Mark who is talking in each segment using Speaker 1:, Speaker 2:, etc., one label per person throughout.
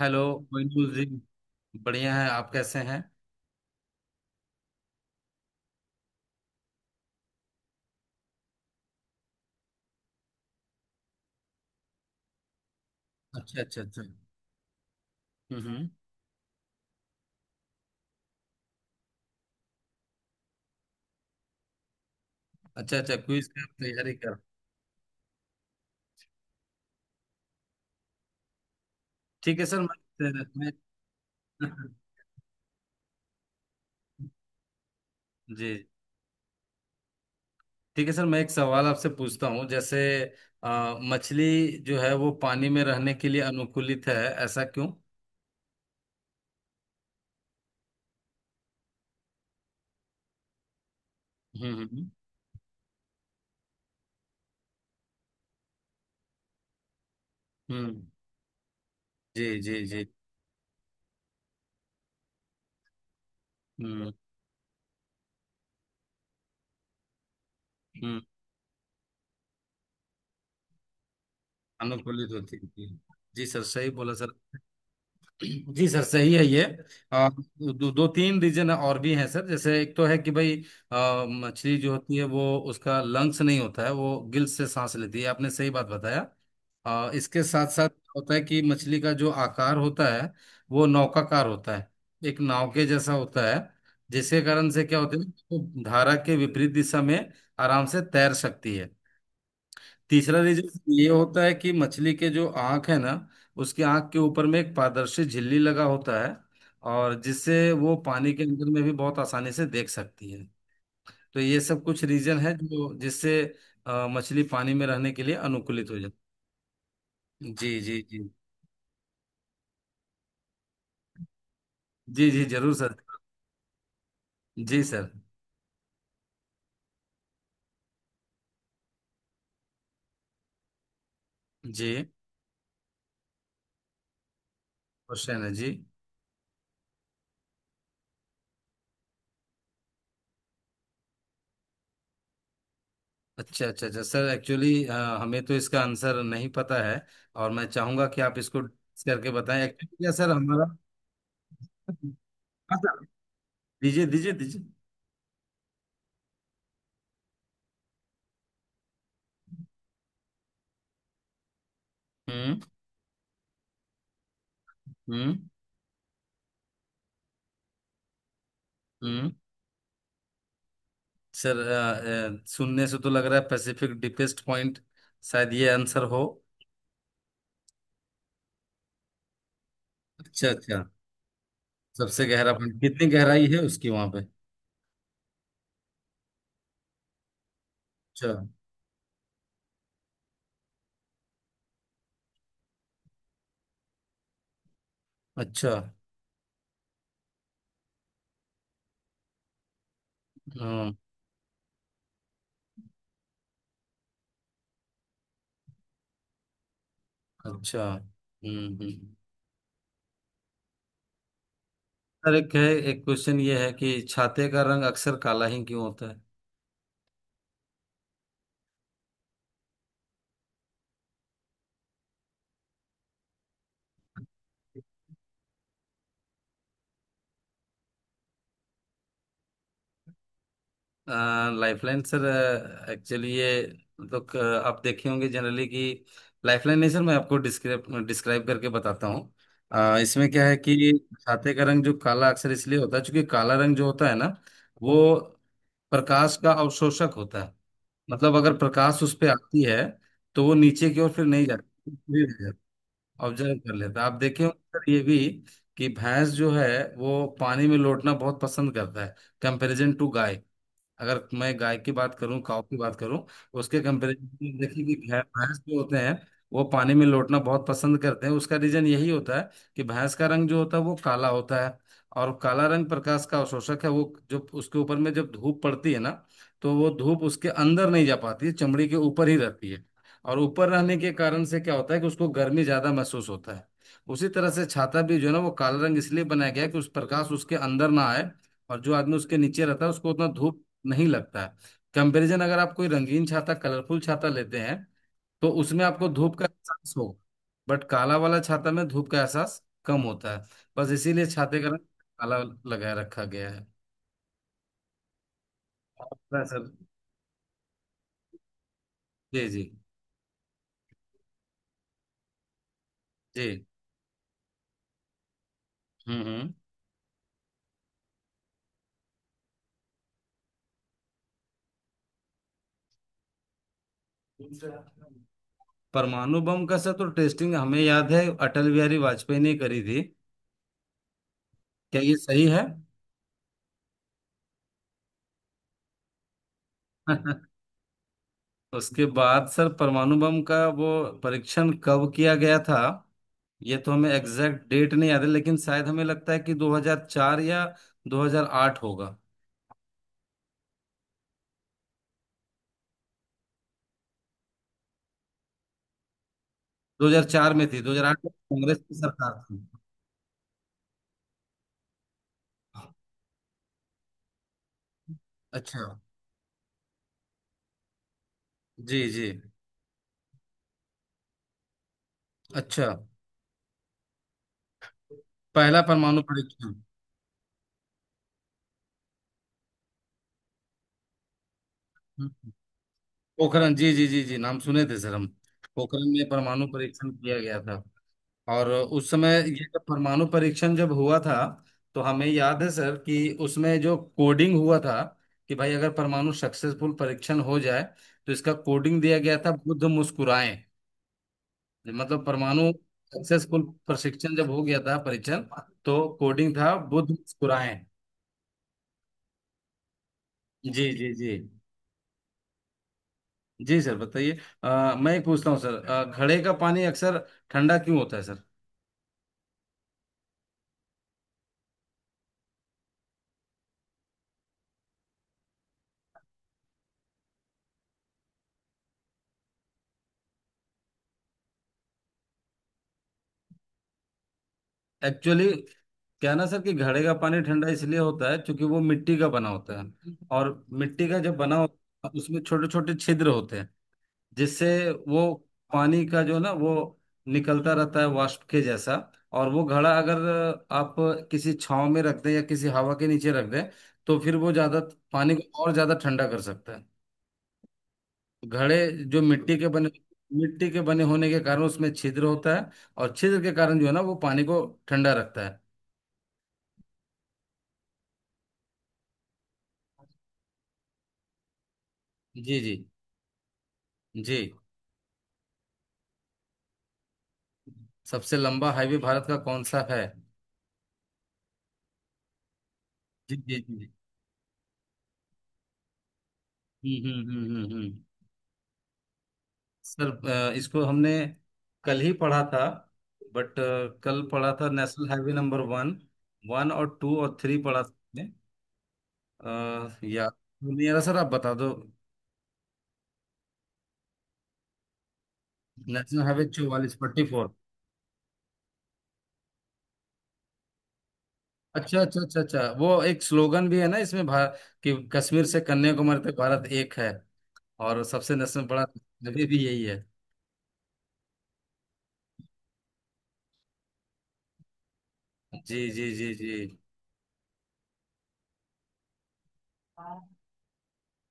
Speaker 1: Hello. Moinul ji, बढ़िया है। आप कैसे हैं? अच्छा, अच्छा, अच्छा। हम्म। अच्छा, अच्छा, क्विज का तैयारी कर। ठीक है सर, मैं जी। ठीक है सर, मैं एक सवाल आपसे पूछता हूँ। जैसे मछली जो है वो पानी में रहने के लिए अनुकूलित है, ऐसा क्यों? हम्म, हम्म, हम्म, जी, जी, जी, हम्म, हम्म। अनुकूलित होती है जी। जी सर, सही बोला सर। जी सर, सही है ये। अ, दो तीन रीजन और भी हैं सर, जैसे एक तो है कि भाई मछली जो होती है वो, उसका लंग्स नहीं होता है, वो गिल्स से सांस लेती है। आपने सही बात बताया। इसके साथ साथ होता है कि मछली का जो आकार होता है वो नौकाकार होता है। एक नाव के जैसा होता है, जिसके कारण से क्या होता है, वो धारा के विपरीत दिशा में आराम से तैर सकती है। तीसरा रीजन ये होता है कि मछली के जो आंख है ना, उसकी आंख के ऊपर में एक पारदर्शी झिल्ली लगा होता है, और जिससे वो पानी के अंदर में भी बहुत आसानी से देख सकती है। तो ये सब कुछ रीजन है जो जिससे मछली पानी में रहने के लिए अनुकूलित हो जाती है। जी, जी, जी, जी। जी जरूर सर। जी सर। जी, क्वेश्चन है जी। अच्छा, अच्छा, अच्छा सर, एक्चुअली हमें तो इसका आंसर नहीं पता है। और मैं चाहूंगा कि आप इसको करके बताएं। एक्चुअली क्या सर हमारा। हाँ सर, दीजिए, दीजिए, दीजिए। हम्म, हम्म, हम्म। सर, सुनने से तो लग रहा है पैसिफिक डीपेस्ट पॉइंट, शायद ये आंसर हो। अच्छा, अच्छा। सबसे गहरा पॉइंट कितनी गहराई है उसकी वहां पे? अच्छा, अच्छा। हम्म। अच्छा। हम्म, हम्म। सर एक है, एक क्वेश्चन ये है कि छाते का रंग अक्सर काला ही क्यों होता है। लाइफलाइन सर, एक्चुअली ये मतलब आप देखे होंगे जनरली कि, लाइफलाइन नहीं सर, मैं आपको डिस्क्राइब डिस्क्राइब करके बताता हूँ। इसमें क्या है कि छाते का रंग जो काला अक्सर इसलिए होता है क्योंकि काला रंग जो होता है ना, वो प्रकाश का अवशोषक होता है। मतलब अगर प्रकाश उस पे आती है तो वो नीचे की ओर फिर नहीं जाती। ऑब्जर्व कर लेता है। आप देखे होंगे सर ये भी कि भैंस जो है वो पानी में लोटना बहुत पसंद करता है। कंपैरिजन टू गाय, अगर मैं गाय की बात करूं, काऊ की बात करूं, उसके कंपेरिजन में देखिए कि भैंस जो होते हैं, वो पानी में लोटना बहुत पसंद करते हैं। उसका रीजन यही होता है कि भैंस का रंग जो होता है वो काला होता है। और काला रंग प्रकाश का अवशोषक है। वो जब उसके ऊपर में जब धूप पड़ती है ना, तो वो धूप उसके अंदर नहीं जा पाती है, चमड़ी के ऊपर ही रहती है। और ऊपर रहने के कारण से क्या होता है कि उसको गर्मी ज्यादा महसूस होता है। उसी तरह से छाता भी जो है ना, वो काला रंग इसलिए बनाया गया है कि उस प्रकाश उसके अंदर ना आए। और जो आदमी उसके नीचे रहता है उसको उतना धूप नहीं लगता। कंपैरिजन, अगर आप कोई रंगीन छाता, कलरफुल छाता लेते हैं, तो उसमें आपको धूप का एहसास हो। बट काला वाला छाता में धूप का एहसास कम होता है। बस इसीलिए छाते का रंग काला लगाए रखा गया है। आपका सर। जी, जी, जी। हम्म, हम्म। परमाणु बम का सर, तो टेस्टिंग हमें याद है अटल बिहारी वाजपेयी ने करी थी। क्या ये सही है? उसके बाद सर, परमाणु बम का वो परीक्षण कब किया गया था? ये तो हमें एग्जैक्ट डेट नहीं याद है, लेकिन शायद हमें लगता है कि 2004 या 2008 होगा। 2004 में थी, 2008 में कांग्रेस की सरकार थी। अच्छा। जी, जी। अच्छा, पहला परमाणु परीक्षण। पोखरण, जी, जी, जी, जी, नाम सुने थे सर हम। पोखरण में परमाणु परीक्षण किया गया था। और उस समय ये जब परमाणु परीक्षण जब हुआ था, तो हमें याद है सर कि उसमें जो कोडिंग हुआ था कि भाई, अगर परमाणु सक्सेसफुल परीक्षण हो जाए तो इसका कोडिंग दिया गया था, बुद्ध मुस्कुराए। मतलब परमाणु सक्सेसफुल प्रशिक्षण जब हो गया था, परीक्षण, तो कोडिंग था बुद्ध मुस्कुराए। जी, जी, जी। जी सर, बताइए। मैं पूछता हूँ सर, घड़े का पानी अक्सर ठंडा क्यों होता है सर? एक्चुअली क्या ना सर कि घड़े का पानी ठंडा इसलिए होता है क्योंकि वो मिट्टी का बना होता है, और मिट्टी का जब बना होता है उसमें छोटे छोटे छिद्र होते हैं, जिससे वो पानी का जो ना वो निकलता रहता है वाष्प के जैसा। और वो घड़ा अगर आप किसी छांव में रख दें या किसी हवा के नीचे रख दें, तो फिर वो ज्यादा पानी को और ज्यादा ठंडा कर सकता है। घड़े जो मिट्टी के बने, मिट्टी के बने होने के कारण उसमें छिद्र होता है। और छिद्र के कारण जो है ना, वो पानी को ठंडा रखता है। जी, जी, जी। सबसे लंबा हाईवे भारत का कौन सा है? जी, जी, जी। हम्म, हम्म, हम्म, हम्म, सर, इसको हमने कल ही पढ़ा था। बट कल पढ़ा था national highway number one, one और टू और थ्री पढ़ा था हमने। या तो नहीं आ रहा सर, आप बता दो। नेशनल हाईवे चौवालीस, फोर्टी फोर। अच्छा, अच्छा, अच्छा, अच्छा। वो एक स्लोगन भी है ना इसमें, भारत, कि कश्मीर से कन्याकुमारी तक भारत एक है। और सबसे नेशनल बड़ा हाईवे भी यही है। जी, जी, जी, जी।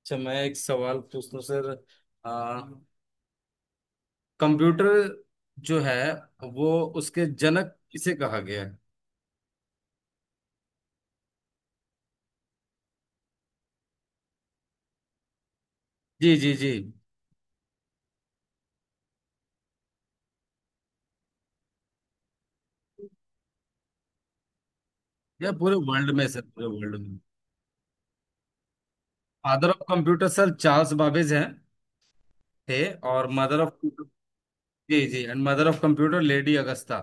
Speaker 1: अच्छा, मैं एक सवाल पूछता हूँ सर। आ, कंप्यूटर जो है वो, उसके जनक किसे कहा गया है? जी, जी, जी। या पूरे वर्ल्ड में सर, पूरे वर्ल्ड में। Father of computer sir Charles Babbage हैं थे, और मदर ऑफ। जी, जी, and mother of computer lady Augusta.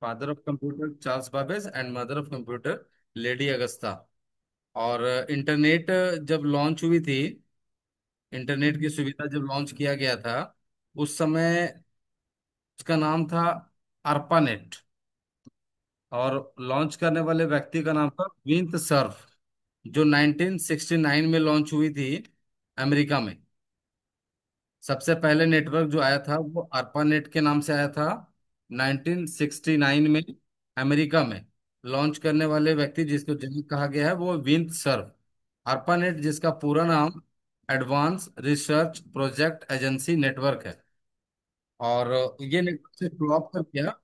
Speaker 1: Father of computer Charles Babbage, and mother of computer lady Augusta. और इंटरनेट जब लॉन्च हुई थी, इंटरनेट की सुविधा जब लॉन्च किया गया था उस समय, उसका नाम था अर्पानेट। और लॉन्च करने वाले व्यक्ति का नाम था विंत सर्फ, जो 1969 में लॉन्च हुई थी अमेरिका में। सबसे पहले नेटवर्क जो आया था वो अर्पानेट के नाम से आया था, 1969 में, अमेरिका में। लॉन्च करने वाले व्यक्ति जिसको जनक कहा गया है वो विंत सर्फ। अर्पानेट जिसका पूरा नाम advance research project agency network है। और ये नेटवर्क से फ्लॉप कर गया।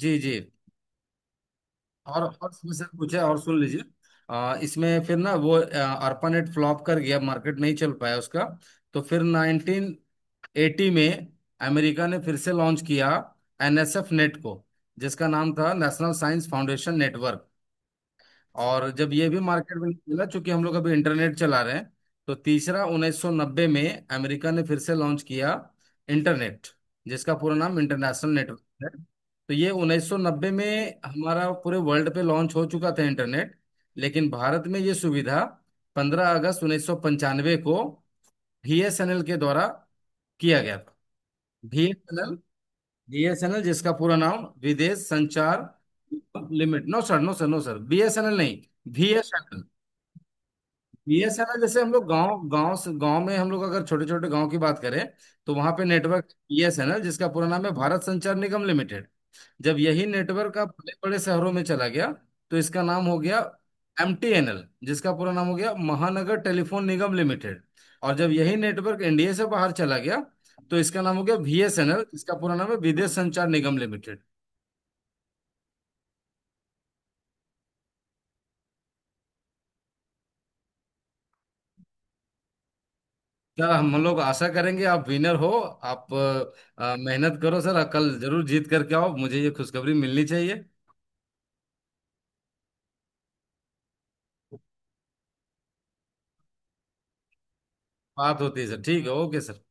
Speaker 1: जी, जी। और समस्या पूछे और सुन लीजिए। इसमें फिर ना वो अर्पानेट फ्लॉप कर गया, मार्केट नहीं चल पाया उसका। तो फिर 1980 में अमेरिका ने फिर से लॉन्च किया एनएसएफ नेट को, जिसका नाम था नेशनल साइंस फाउंडेशन नेटवर्क। और जब ये भी मार्केट में निकला, चूंकि हम लोग अभी इंटरनेट चला रहे हैं। तो तीसरा 1990 में अमेरिका ने फिर से लॉन्च किया इंटरनेट, जिसका पूरा नाम इंटरनेशनल नेटवर्क है। तो ये 1990 में हमारा पूरे वर्ल्ड पे लॉन्च हो चुका था इंटरनेट। लेकिन भारत में ये सुविधा 15 अगस्त 1995 को बीएसएनएल के द्वारा किया गया था। बीएसएनएल, बीएसएनएल जिसका पूरा नाम Videsh Sanchar limit, no sir, no sir, no sir, BSNL नहीं, बीएसएनएल। ये ऐसा ना जैसे हम लोग गांव गांव से, गांव में, हम लोग अगर छोटे छोटे गांव की बात करें, तो वहां पे नेटवर्क बीएसएनएल, जिसका पूरा नाम है भारत संचार निगम लिमिटेड। जब यही नेटवर्क का बड़े बड़े शहरों में चला गया, तो इसका नाम हो गया एमटीएनएल, जिसका पूरा नाम हो गया महानगर टेलीफोन निगम लिमिटेड। और जब यही नेटवर्क इंडिया से बाहर चला गया, तो इसका नाम हो गया बीएसएनएल, जिसका पूरा नाम है विदेश संचार निगम लिमिटेड। सर हम लोग आशा करेंगे आप विनर हो। आप मेहनत करो सर, कल जरूर जीत करके आओ, मुझे ये खुशखबरी मिलनी चाहिए। बात होती है सर, ठीक है, ओके सर।